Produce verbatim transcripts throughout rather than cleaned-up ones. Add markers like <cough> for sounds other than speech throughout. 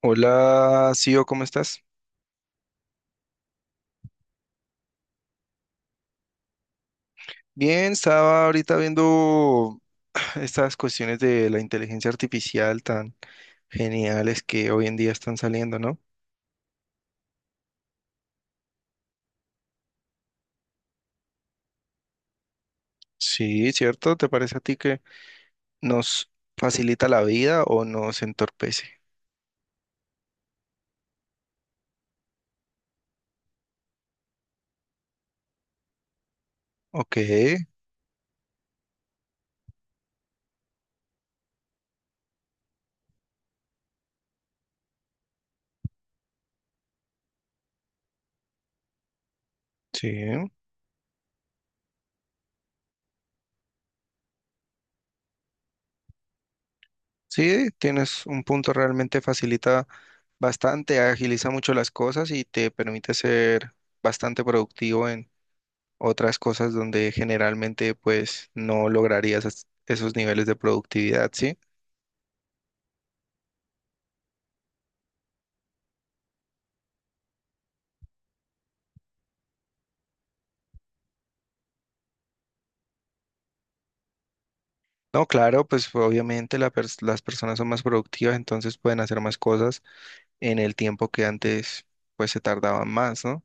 Hola, Sio, ¿cómo estás? Bien, estaba ahorita viendo <sighs> <clears throat> estas cuestiones de la inteligencia artificial tan geniales que hoy en día están saliendo, ¿no? Sí, ¿cierto? ¿Te parece a ti que nos facilita la vida o nos entorpece? Ok, sí, sí, tienes un punto, realmente facilita bastante, agiliza mucho las cosas y te permite ser bastante productivo otras cosas donde generalmente pues no lograrías es- esos niveles de productividad, ¿sí? No, claro, pues obviamente la pers- las personas son más productivas, entonces pueden hacer más cosas en el tiempo que antes pues se tardaban más, ¿no?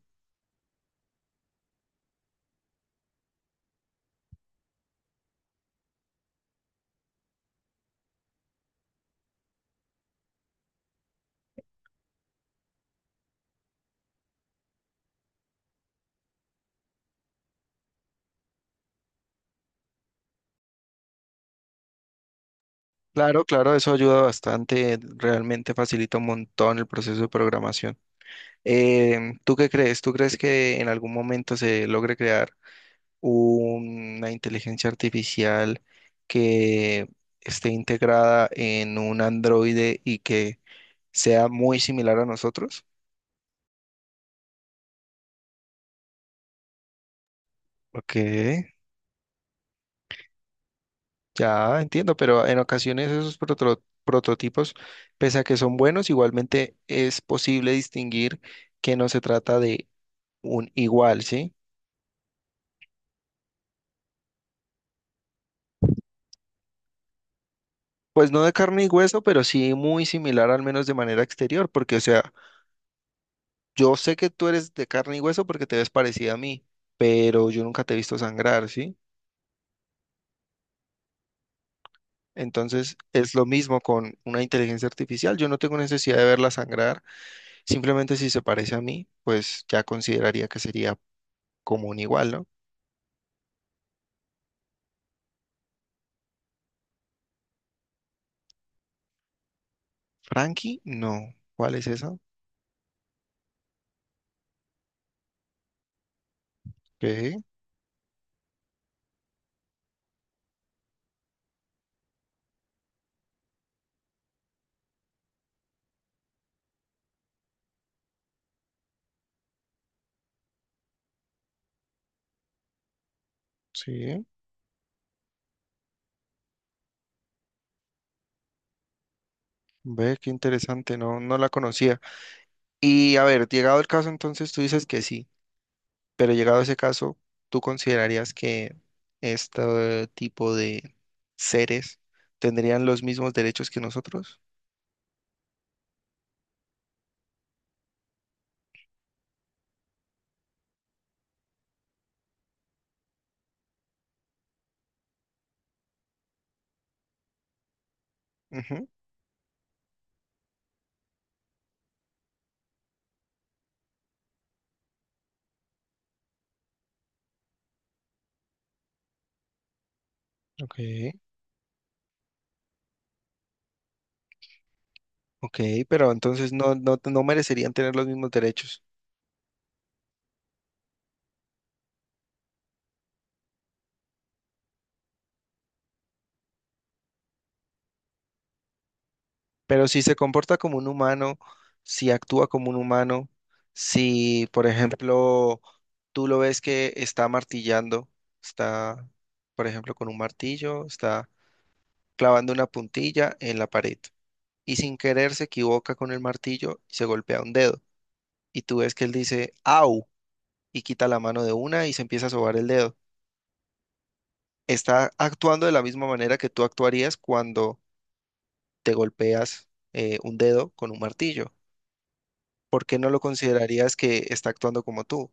Claro, claro, eso ayuda bastante, realmente facilita un montón el proceso de programación. Em, ¿tú qué crees? ¿Tú crees que en algún momento se logre crear una inteligencia artificial que esté integrada en un androide y que sea muy similar a nosotros? Ok, ya entiendo, pero en ocasiones esos proto- prototipos, pese a que son buenos, igualmente es posible distinguir que no se trata de un igual, ¿sí? Pues no de carne y hueso, pero sí muy similar, al menos de manera exterior, porque, o sea, yo sé que tú eres de carne y hueso porque te ves parecida a mí, pero yo nunca te he visto sangrar, ¿sí? Entonces es lo mismo con una inteligencia artificial. Yo no tengo necesidad de verla sangrar. Simplemente si se parece a mí, pues ya consideraría que sería común igual, ¿no? Frankie, no. ¿Cuál es esa? ¿Qué? Sí. Ve, qué interesante. No, no la conocía. Y a ver, llegado el caso, entonces tú dices que sí. Pero llegado a ese caso, ¿tú considerarías que este tipo de seres tendrían los mismos derechos que nosotros? Ujú, ok, ok, pero entonces no, no, no merecerían tener los mismos derechos. Pero si se comporta como un humano, si actúa como un humano, si, por ejemplo, tú lo ves que está martillando, está, por ejemplo, con un martillo, está clavando una puntilla en la pared, y sin querer se equivoca con el martillo y se golpea un dedo. Y tú ves que él dice, au, y quita la mano de una y se empieza a sobar el dedo. Está actuando de la misma manera que tú actuarías cuando te golpeas eh, un dedo con un martillo. ¿Por qué no lo considerarías que está actuando como tú?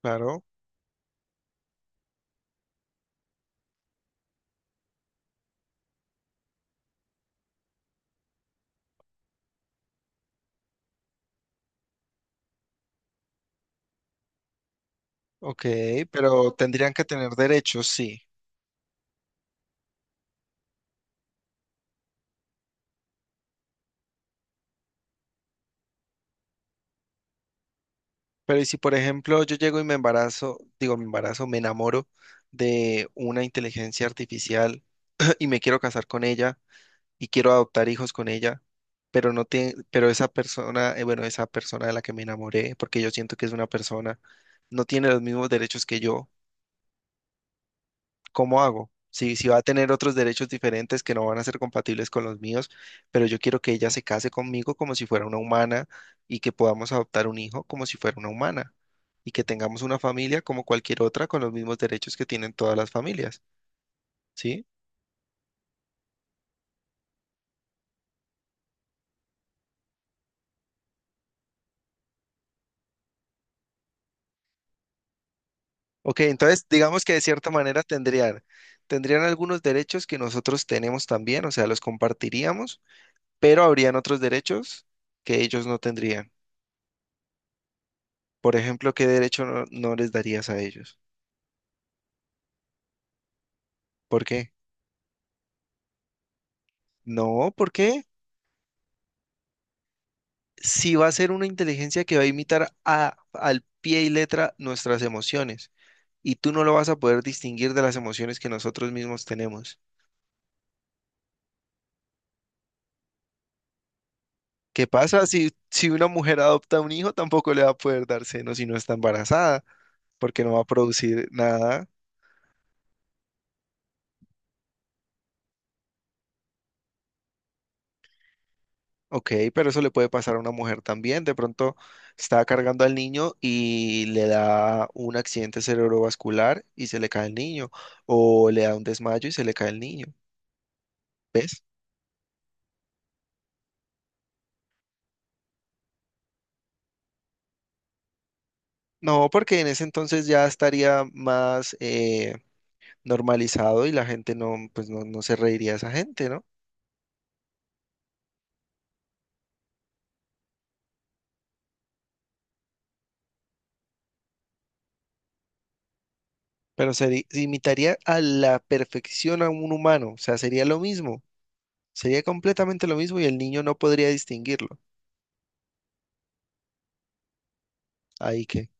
Claro, ok, pero tendrían que tener derechos, sí. Pero ¿y si, por ejemplo, yo llego y me embarazo, digo, me embarazo, me enamoro de una inteligencia artificial <clears throat> <laughs> y me quiero casar con ella? Y quiero adoptar hijos con ella, pero no tiene, pero esa persona, eh, bueno, esa persona de la que me enamoré, porque yo siento que es una persona, no tiene los mismos derechos que yo, ¿cómo hago? Si, si va a tener otros derechos diferentes que no van a ser compatibles con los míos, pero yo quiero que ella se case conmigo como si fuera una humana y que podamos adoptar un hijo como si fuera una humana y que tengamos una familia como cualquier otra con los mismos derechos que tienen todas las familias, ¿sí? Ok, entonces digamos que de cierta manera tendrían, tendrían algunos derechos que nosotros tenemos también, o sea, los compartiríamos, pero habrían otros derechos que ellos no tendrían. Por ejemplo, ¿qué derecho no, no les darías a ellos? ¿Por qué? No, ¿por qué? Si va a ser una inteligencia que va a imitar a, al pie y letra nuestras emociones, y tú no lo vas a poder distinguir de las emociones que nosotros mismos tenemos. ¿Qué pasa si, si una mujer adopta un hijo? Tampoco le va a poder dar seno si no está embarazada porque no va a producir nada. Ok, pero eso le puede pasar a una mujer también. De pronto está cargando al niño y le da un accidente cerebrovascular y se le cae el niño, o le da un desmayo y se le cae el niño. ¿Ves? No, porque en ese entonces ya estaría más eh, normalizado y la gente no, pues no, no se reiría a esa gente, ¿no? Pero se imitaría a la perfección a un humano, o sea, sería lo mismo, sería completamente lo mismo y el niño no podría distinguirlo. Ahí que.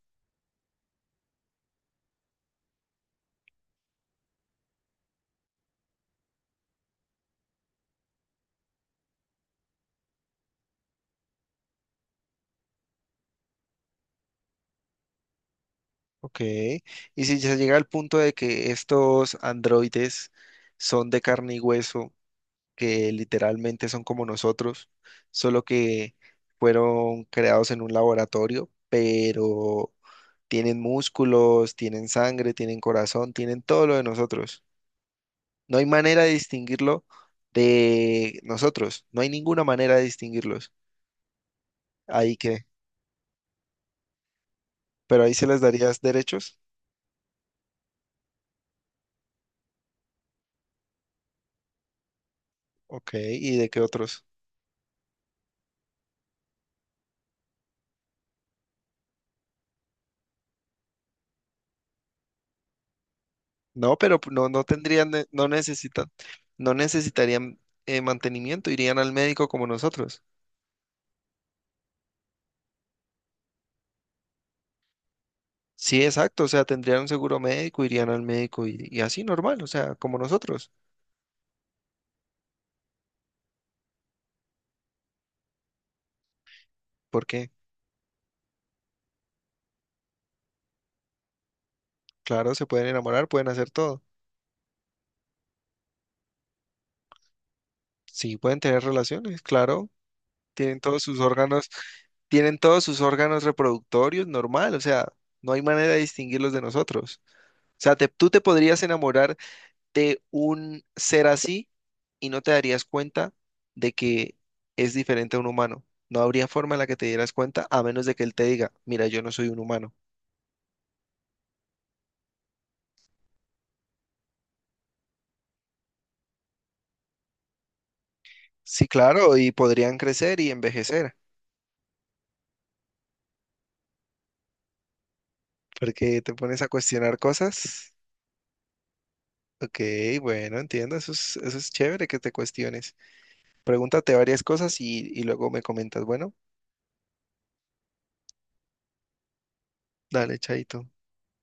Ok, y si se llega al punto de que estos androides son de carne y hueso, que literalmente son como nosotros, solo que fueron creados en un laboratorio, pero tienen músculos, tienen sangre, tienen corazón, tienen todo lo de nosotros. No hay manera de distinguirlo de nosotros, no hay ninguna manera de distinguirlos. Ahí que, pero ahí se les darías derechos, ok, ¿y de qué otros? No, pero no, no tendrían, ne- no necesitan, no necesitarían eh, mantenimiento, irían al médico como nosotros. Sí, exacto, o sea, tendrían un seguro médico, irían al médico y, y así normal, o sea, como nosotros. Porque, claro, se pueden enamorar, pueden hacer todo. Sí, pueden tener relaciones, claro, tienen todos sus órganos, tienen todos sus órganos reproductorios normal, o sea, no hay manera de distinguirlos de nosotros. O sea, te- tú te podrías enamorar de un ser así y no te darías cuenta de que es diferente a un humano. No habría forma en la que te dieras cuenta a menos de que él te diga, mira, yo no soy un humano. Sí, claro, y podrían crecer y envejecer, porque te pones a cuestionar cosas. Ok, bueno, entiendo, eso es, eso es chévere que te cuestiones. Pregúntate varias cosas y, y luego me comentas. Bueno, dale, chaito.